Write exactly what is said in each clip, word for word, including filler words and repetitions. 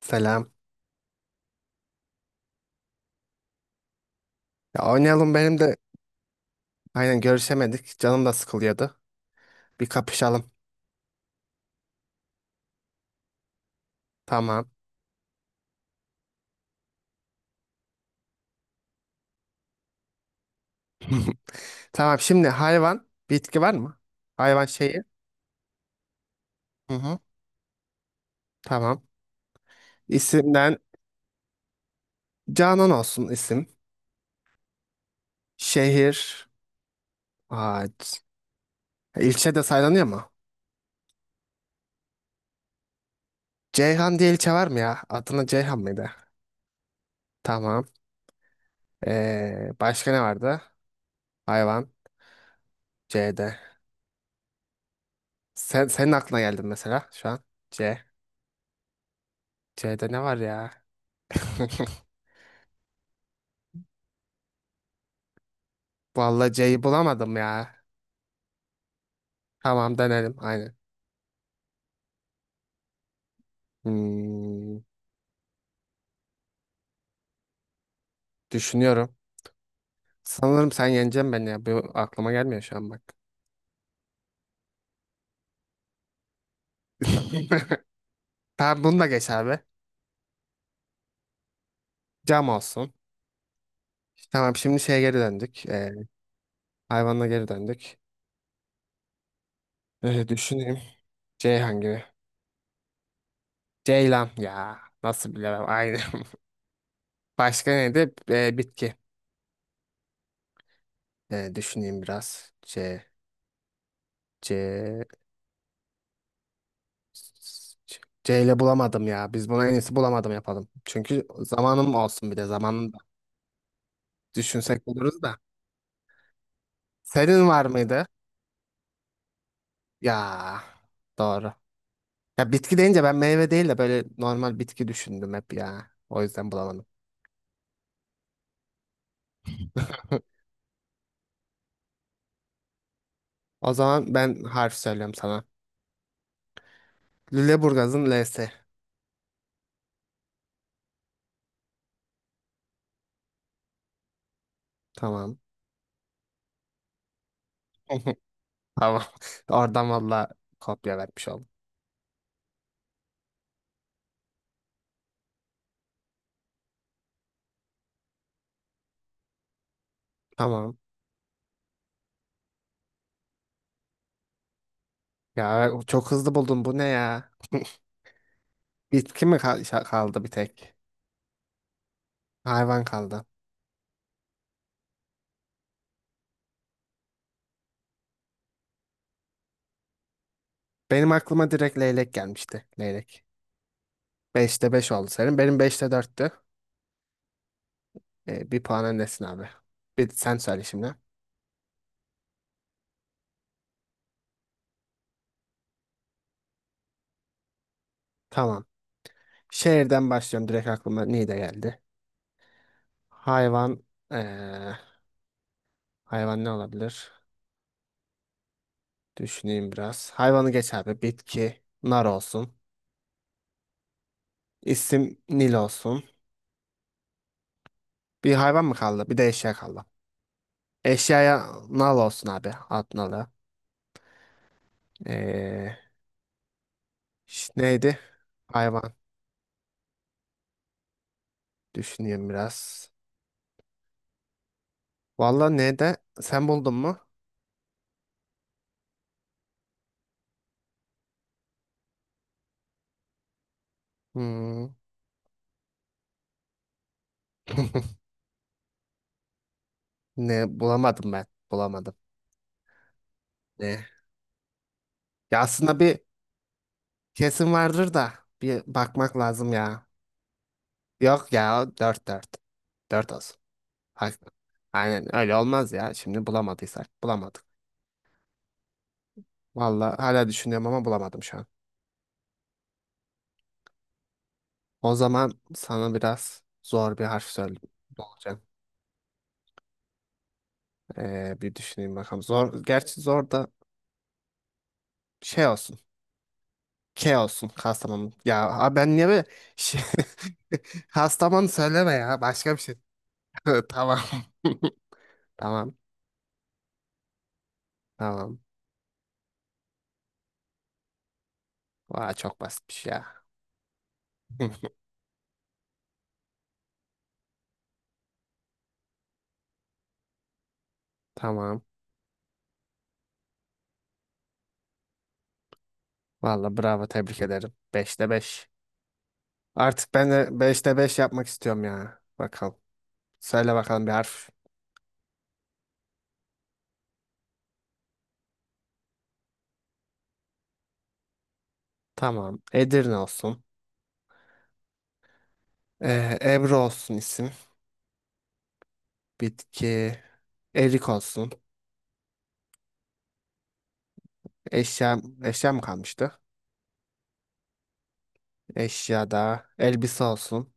Selam. Ya oynayalım benim de aynen görüşemedik. Canım da sıkılıyordu. Bir kapışalım. Tamam. Tamam, şimdi hayvan bitki var mı? Hayvan şeyi. Hı hı. Tamam. İsimden Canan olsun isim. Şehir. Ağaç. E, ilçe de saylanıyor mu? Ceyhan diye ilçe var mı ya? Adına Ceyhan mıydı? Tamam. Ee, başka ne vardı? Hayvan. C'de. Sen, senin aklına geldi mesela şu an. C. C'de ne var ya? Vallahi C'yi bulamadım ya. Tamam, denelim. Aynen. Hmm, Düşünüyorum. Sanırım sen yeneceksin beni ya. Bu aklıma gelmiyor şu an bak. Tamam, bunu da geç abi. Cam olsun. Tamam, şimdi şeye geri döndük. Ee, hayvanla geri döndük. Ee, düşüneyim. Ceyhan gibi. Ceylan ya. Nasıl bilemem. Aynen. Başka neydi? Ee, bitki. Ee, düşüneyim biraz. C. C. C C ile bulamadım ya. Biz buna en iyisi bulamadım yapalım. Çünkü zamanım olsun bir de. Zamanında düşünsek buluruz da. Senin var mıydı? Ya, doğru. Ya, bitki deyince ben meyve değil de böyle normal bitki düşündüm hep ya. O yüzden bulamadım. O zaman ben harf söylüyorum sana. Lüleburgaz'ın L'si. Tamam. Tamam. Oradan valla kopya vermiş oldum. Tamam. Ya, çok hızlı buldum. Bu ne ya? Bitki mi kal- şa- kaldı bir tek? Hayvan kaldı. Benim aklıma direkt leylek gelmişti. Leylek. Beşte beş oldu senin. Benim beşte dörttü. Ee, bir puan öndesin abi. Bir sen söyle şimdi. Tamam. Şehirden başlıyorum. Direkt aklıma ne geldi. Hayvan. eee, Hayvan ne olabilir? Düşüneyim biraz. Hayvanı geç abi. Bitki. Nar olsun. İsim Nil olsun. Bir hayvan mı kaldı? Bir de eşya kaldı. Eşyaya nal olsun abi. At nalı. Eee, ş- Neydi? Hayvan. Düşüneyim biraz. Valla ne de? Sen buldun mu? Hmm. Ne bulamadım ben. Bulamadım. Ne? Ya, aslında bir... Kesin vardır da bir bakmak lazım ya. Yok ya, o dört dört. Dört olsun. hak Aynen öyle olmaz ya. Şimdi bulamadıysak bulamadık. Vallahi hala düşünüyorum ama bulamadım şu an. O zaman sana biraz zor bir harf söyleyeceğim. Ee, bir düşüneyim bakalım. Zor, gerçi zor da şey olsun. K olsun, Kastamonu. Ya abi ben niye böyle şey... Kastamonu söyleme ya. Başka bir şey. Tamam. Tamam. Tamam. Vay, çok basitmiş ya. Tamam. Valla bravo, tebrik ederim. Beşte beş. Artık ben de beşte beş yapmak istiyorum ya. Bakalım. Söyle bakalım bir harf. Tamam. Edirne olsun. Ee, Ebru olsun isim. Bitki. Erik olsun. Eşya, Eşya mı kalmıştı? Eşya da. Elbise olsun.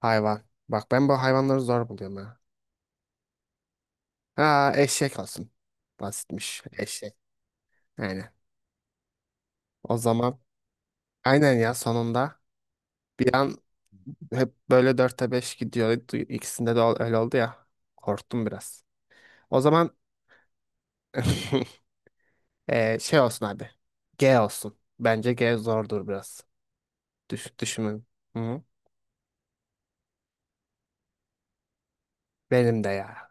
Hayvan. Bak ben bu hayvanları zor buluyorum ha. Ha, eşek olsun. Basitmiş. Eşek. Aynen. O zaman aynen ya sonunda... Bir an hep böyle dörtte beş gidiyor. İkisinde de ol- öyle oldu ya. Korktum biraz. O zaman eee, şey olsun abi. G olsun. Bence G zordur biraz. Düş, düşünün. Hı. Benim de ya.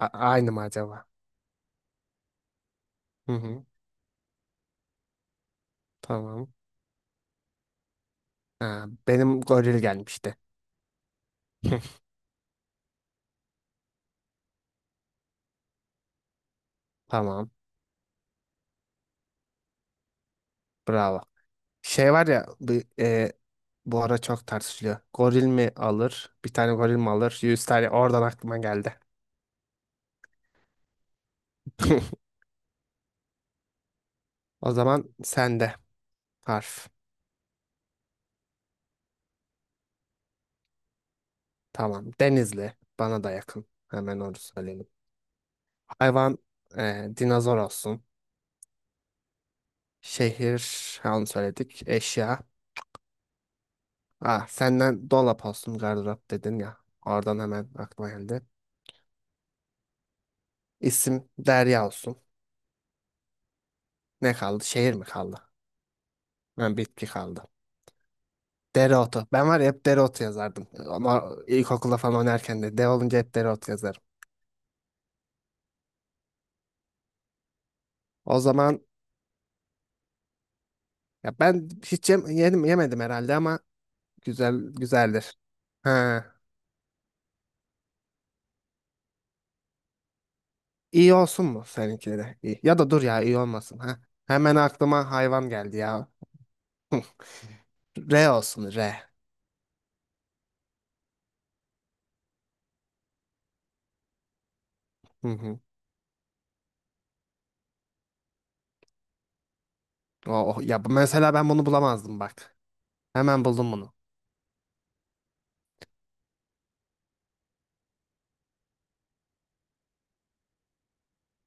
A- aynı mı acaba? Hı hı. Tamam. Ha, benim goril gelmişti. Tamam. Bravo. Şey var ya bu, e, bu ara çok tartışılıyor. Goril mi alır? Bir tane goril mi alır? Yüz tane. Oradan aklıma geldi. O zaman sende harf. Tamam. Denizli. Bana da yakın. Hemen onu söyleyelim. Hayvan e, dinozor olsun. Şehir ha, onu söyledik. Eşya. Ah, senden dolap olsun, gardırop dedin ya. Oradan hemen aklıma geldi. İsim Derya olsun. Ne kaldı? Şehir mi kaldı? Ha, bitki kaldı. Dereotu. Ben var ya hep dereotu yazardım. Ama ilkokulda falan oynarken de de olunca hep dereotu yazarım. O zaman ya ben hiç yem- yedim, yemedim herhalde ama güzel güzeldir. Ha. İyi olsun mu seninkileri? İyi. Ya da dur ya, iyi olmasın ha. Hemen aklıma hayvan geldi ya. R olsun, R. Hı hı. Oh, ya bu- mesela ben bunu bulamazdım bak. Hemen buldum bunu.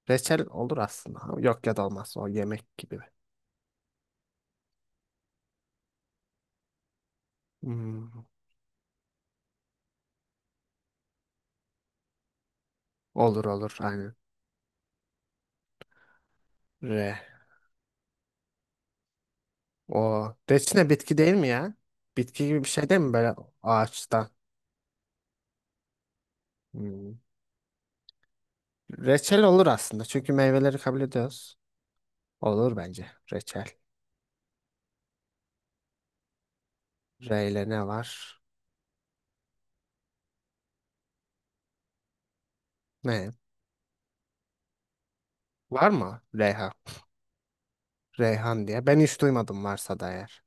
Reçel olur aslında. Ha, yok ya da olmaz. O yemek gibi. Hmm. Olur olur aynen. R. O reçine bitki değil mi ya? Bitki gibi bir şey değil mi böyle ağaçtan? Hmm. Reçel olur aslında. Çünkü meyveleri kabul ediyoruz. Olur bence. Reçel. R ile ne var? Ne? Var mı? R H. Reyhan diye. Ben hiç duymadım varsa da eğer.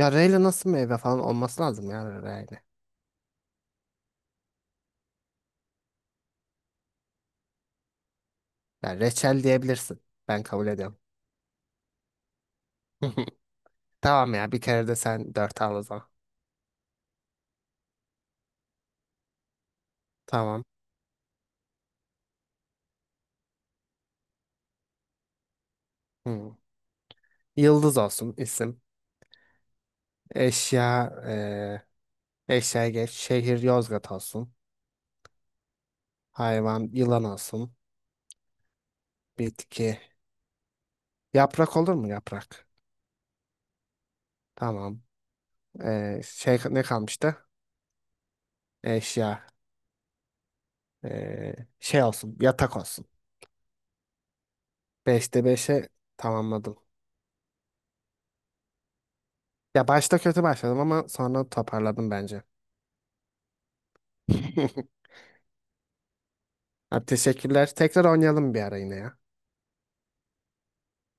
Ya R nasıl meyve falan olması lazım ya R. Ya reçel diyebilirsin. Ben kabul ediyorum. Tamam ya, bir kere de sen dört al o zaman. Tamam. Hmm. Yıldız olsun isim. Eşya eee eşya geç. Şehir Yozgat olsun. Hayvan yılan olsun. Bitki. Yaprak olur mu yaprak? Tamam. Eee, şey ne kalmıştı? Eşya. Eee, şey olsun, yatak olsun. Beşte beşe tamamladım. Ya başta kötü başladım ama sonra toparladım bence. Ha, teşekkürler. Tekrar oynayalım bir ara yine ya.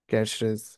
Görüşürüz.